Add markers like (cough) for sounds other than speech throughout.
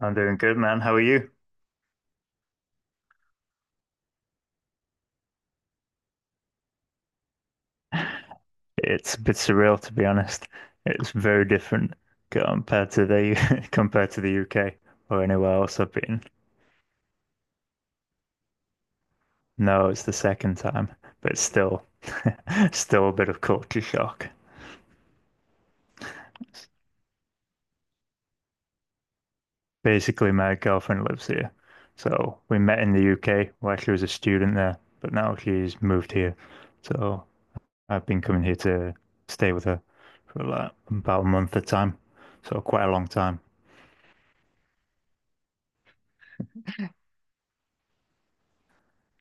I'm doing good, man. How are you? It's a bit surreal, to be honest. It's very different compared to the U- (laughs) compared to the UK or anywhere else I've been. No, it's the second time, but still, (laughs) still a bit of culture shock. Basically, my girlfriend lives here, so we met in the UK where she was a student there, but now she's moved here. So I've been coming here to stay with her for like about a month at a time, so quite a long time.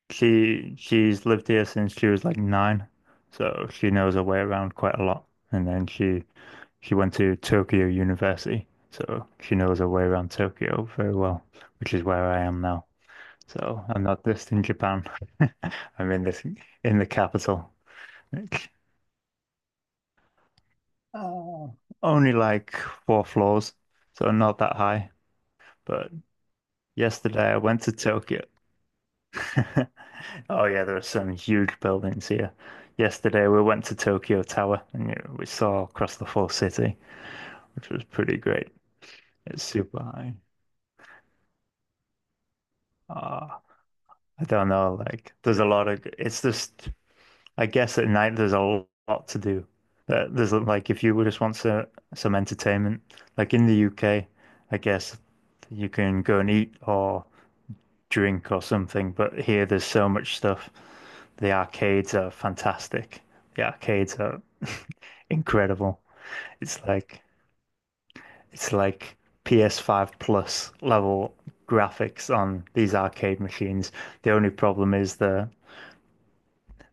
She's lived here since she was like nine, so she knows her way around quite a lot. And then she went to Tokyo University, so she knows her way around Tokyo very well, which is where I am now. So I'm not just in Japan. (laughs) I'm in this in the capital. Like, uh, only like four floors, so not that high. But yesterday I went to Tokyo. (laughs) Oh yeah, there are some huge buildings here. Yesterday we went to Tokyo Tower and you we saw across the full city, which was pretty great. It's super high. Ah, I don't know, like there's a lot of it's just I guess at night there's a lot to do. There's like if you just want some entertainment, like in the UK, I guess you can go and eat or drink or something, but here there's so much stuff. The arcades are fantastic. The arcades are incredible. It's like it's like PS5 plus level graphics on these arcade machines. The only problem is the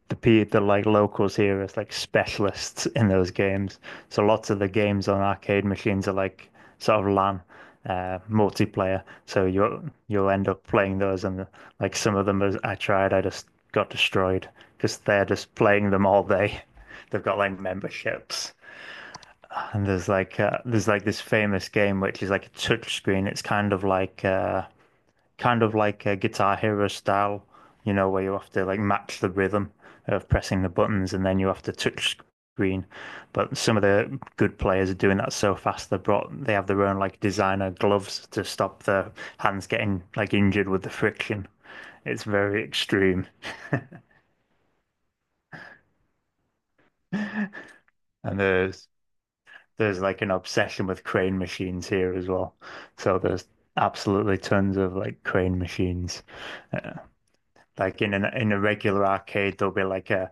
the pe the like locals here as like specialists in those games. So lots of the games on arcade machines are like sort of LAN, multiplayer. So you'll end up playing those, and like some of them as I tried, I just got destroyed because they're just playing them all day. (laughs) They've got like memberships, and there's like this famous game which is like a touch screen. It's kind of like a Guitar Hero style, where you have to like match the rhythm of pressing the buttons and then you have to touch screen. But some of the good players are doing that so fast. They have their own like designer gloves to stop their hands getting like injured with the friction. It's very extreme. (laughs) And there's like an obsession with crane machines here as well. So there's absolutely tons of like crane machines. Uh, Like in an in a regular arcade,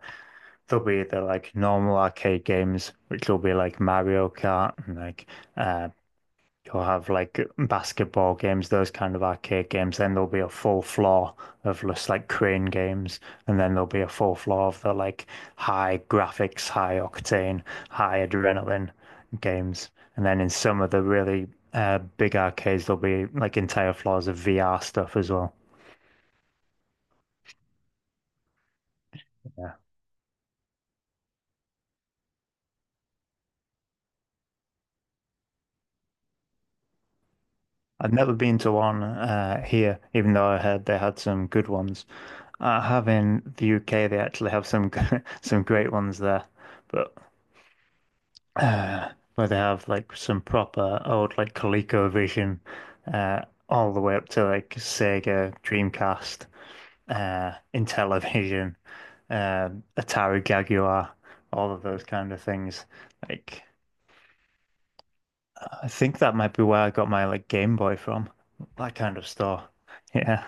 there'll be the like normal arcade games, which will be like Mario Kart and like uh you'll have like basketball games, those kind of arcade games. Then there'll be a full floor of just like crane games, and then there'll be a full floor of the like high graphics, high octane, high adrenaline games. And then in some of the really big arcades there'll be like entire floors of VR stuff as well. Yeah. I've never been to one here, even though I heard they had some good ones. I have in the UK, they actually have (laughs) some great ones there, but uh, where they have like some proper old like ColecoVision, uh, all the way up to like Sega Dreamcast, Intellivision, (laughs) uh, Atari Jaguar, all of those kind of things. Like I think that might be where I got my like Game Boy from, that kind of store. (laughs) Yeah.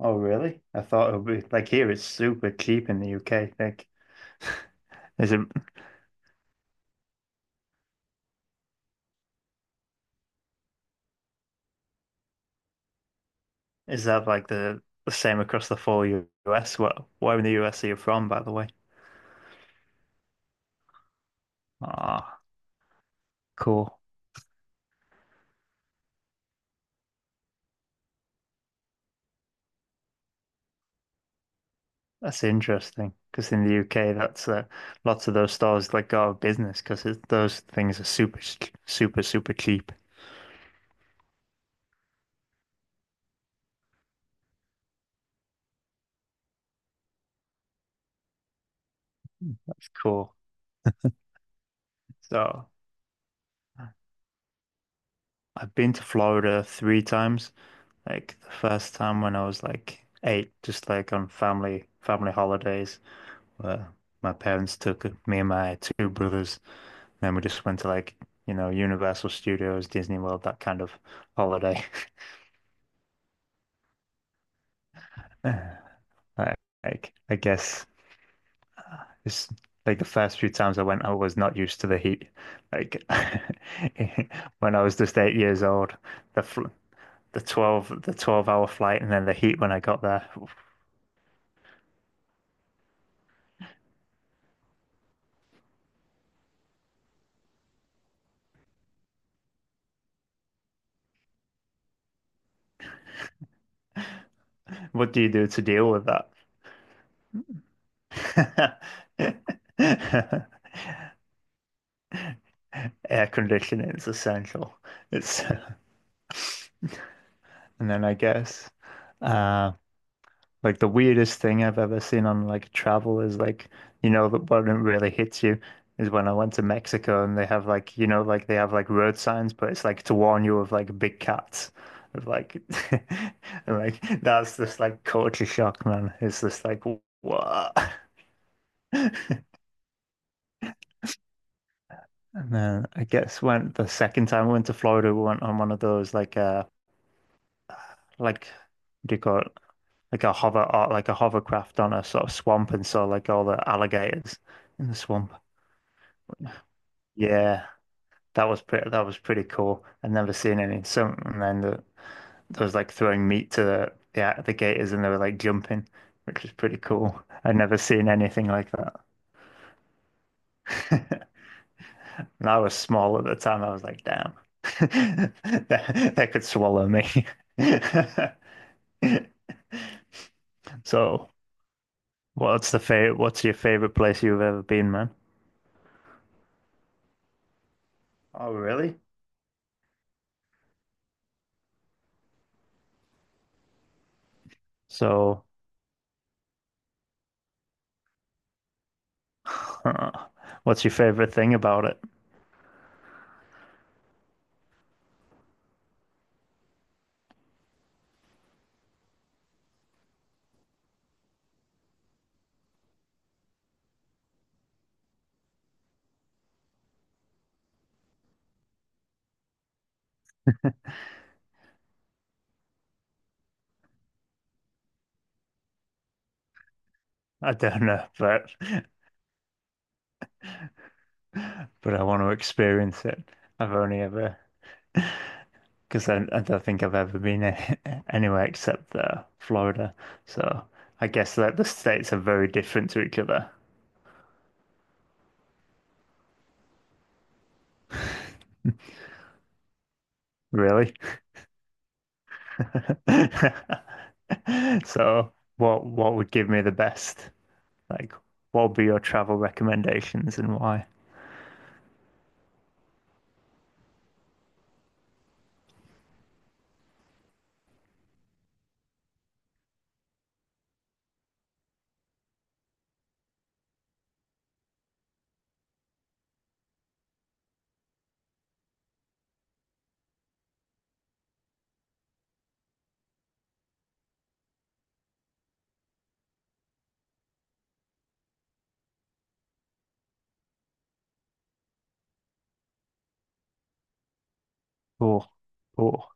Oh, really? I thought it would be like here it's super cheap in the UK. Like, (laughs) is it? Is that like the same across the full US? Well, where in the US are you from, by the way? Ah, cool. That's interesting. Because in the UK, that's lots of those stores like go out of business because those things are super, super cheap. That's cool. So I've been to Florida three times. Like the first time when I was like eight, just like on family holidays, where my parents took me and my two brothers. Then we just went to like, Universal Studios, Disney World, that kind of holiday. (laughs) Like, like, I guess it's like the first few times I went, I was not used to the heat. Like (laughs) when I was just 8 years old, the fl the 12 the 12-hour flight and then the heat when I got there. What do you do to deal with that? (laughs) Air conditioning is essential. It's and then I guess. Um, Like the weirdest thing I've ever seen on like travel is like, the one really hits you is when I went to Mexico and they have like they have like road signs, but it's like to warn you of like big cats. Of like, (laughs) and like that's just like culture shock, man. It's just like what? (laughs) And then I guess when the second time we went to Florida, we went on one of those like what do you call it? Like a hover or like a hovercraft on a sort of swamp and saw like all the alligators in the swamp. Yeah, that was pretty. That was pretty cool. I'd never seen any. Some and then the, there was like throwing meat to the gators, and they were like jumping, which was pretty cool. I'd never seen anything like that. (laughs) And I was small at the time. I was like, damn, (laughs) they could swallow me. (laughs) So, what's the favorite? What's your favorite place you've ever been, man? Oh, really? So, (laughs) what's your favorite thing about it? I don't know, but (laughs) but I want to experience it. I've only ever, because I don't think I've ever been (laughs) anywhere except Florida. So I guess that the states are very different to each other, really. (laughs) So what would give me the best? Like, what would be your travel recommendations and why? Oh, oh,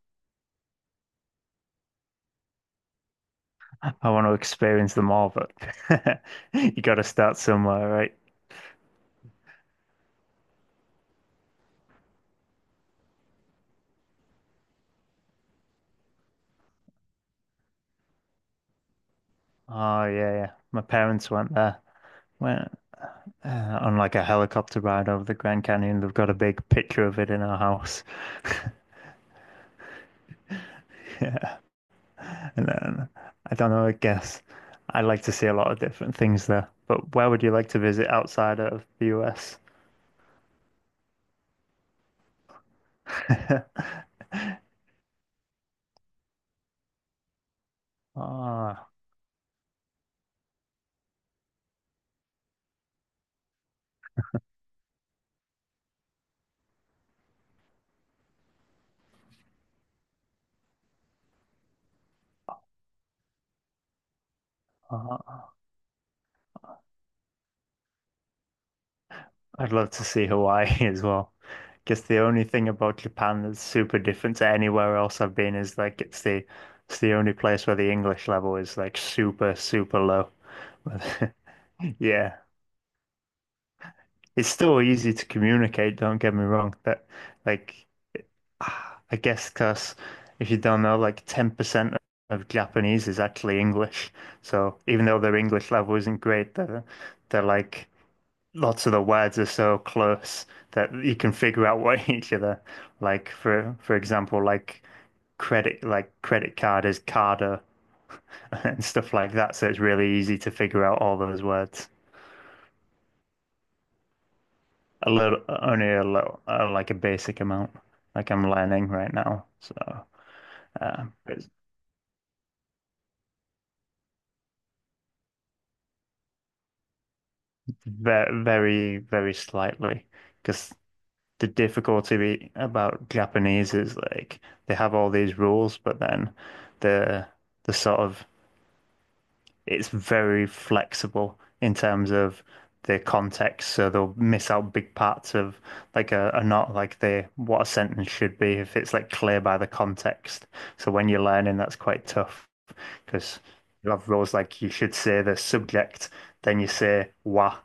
I want to experience them all, but (laughs) you got to start somewhere, right? Oh yeah, yeah. My parents went there. When on like a helicopter ride over the Grand Canyon. They've got a big picture of it in our house. (laughs) Yeah. And then I don't know, I guess I'd like to see a lot of different things there. But where would you like to visit outside of the US? (laughs) Ah, ah, I'd love to see Hawaii (laughs) as well. Guess the only thing about Japan that's super different to anywhere else I've been is like it's the only place where the English level is like super, super low. (laughs) But (laughs) yeah. It's still easy to communicate, don't get me wrong. That, like, I guess because if you don't know, like 10% of Japanese is actually English. So even though their English level isn't great, they're like, lots of the words are so close that you can figure out what (laughs) each other, like, for example, like credit card is carder (laughs) and stuff like that. So it's really easy to figure out all those words. A little, only a little, like a basic amount. Like I'm learning right now, so it's very, very, very slightly. Because the difficulty about Japanese is like they have all these rules, but then the the sort of it's very flexible in terms of the context, so they'll miss out big parts of like a not like the what a sentence should be if it's like clear by the context. So when you're learning, that's quite tough. Because you have rules like you should say the subject, then you say wa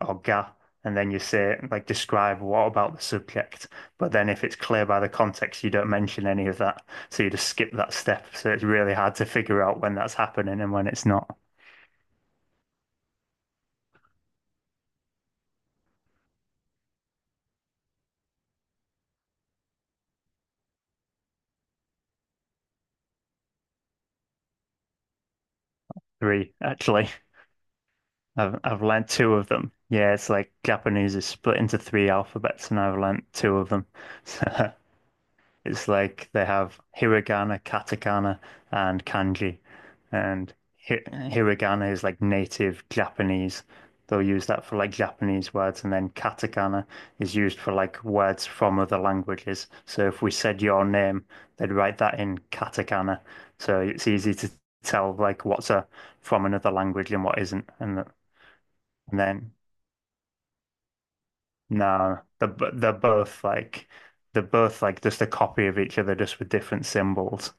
or ga, and then you say like describe what about the subject. But then if it's clear by the context, you don't mention any of that, so you just skip that step. So it's really hard to figure out when that's happening and when it's not. Three, actually. I've learnt two of them. Yeah, it's like Japanese is split into three alphabets, and I've learnt two of them. (laughs) So it's like they have hiragana, katakana, and kanji. And hiragana is like native Japanese. They'll use that for like Japanese words, and then katakana is used for like words from other languages. So if we said your name, they'd write that in katakana. So it's easy to tell like what's a from another language and what isn't. And, and then no, they're both like just a copy of each other, just with different symbols.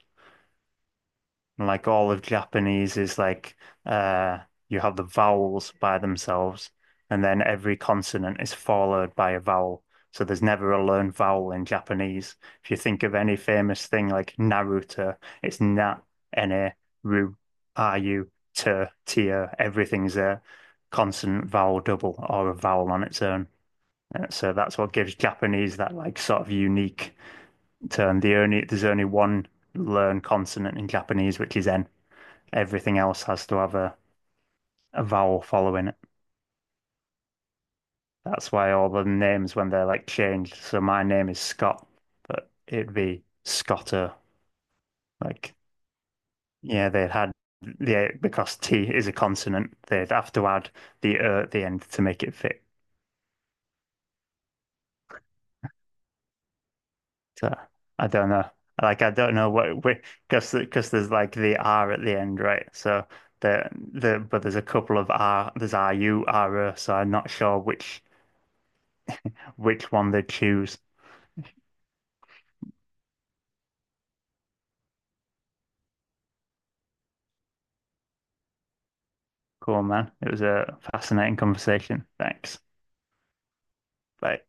And like all of Japanese is like uh you have the vowels by themselves and then every consonant is followed by a vowel. So there's never a learned vowel in Japanese. If you think of any famous thing like Naruto, it's na, na, ru, ru, te, tia, everything's a consonant vowel double or a vowel on its own. So that's what gives Japanese that like sort of unique turn. There's only one learned consonant in Japanese, which is N. Everything else has to have a vowel following it. That's why all the names when they're like changed. So my name is Scott, but it'd be Scotter. Like yeah, they'd had the because T is a consonant, they'd have to add the at the end to make it fit. So I don't know. Like I don't know what because there's like the R at the end, right? So the but there's a couple of R. There's R U R O, so I'm not sure which one they choose. Cool, man. It was a fascinating conversation. Thanks. Bye.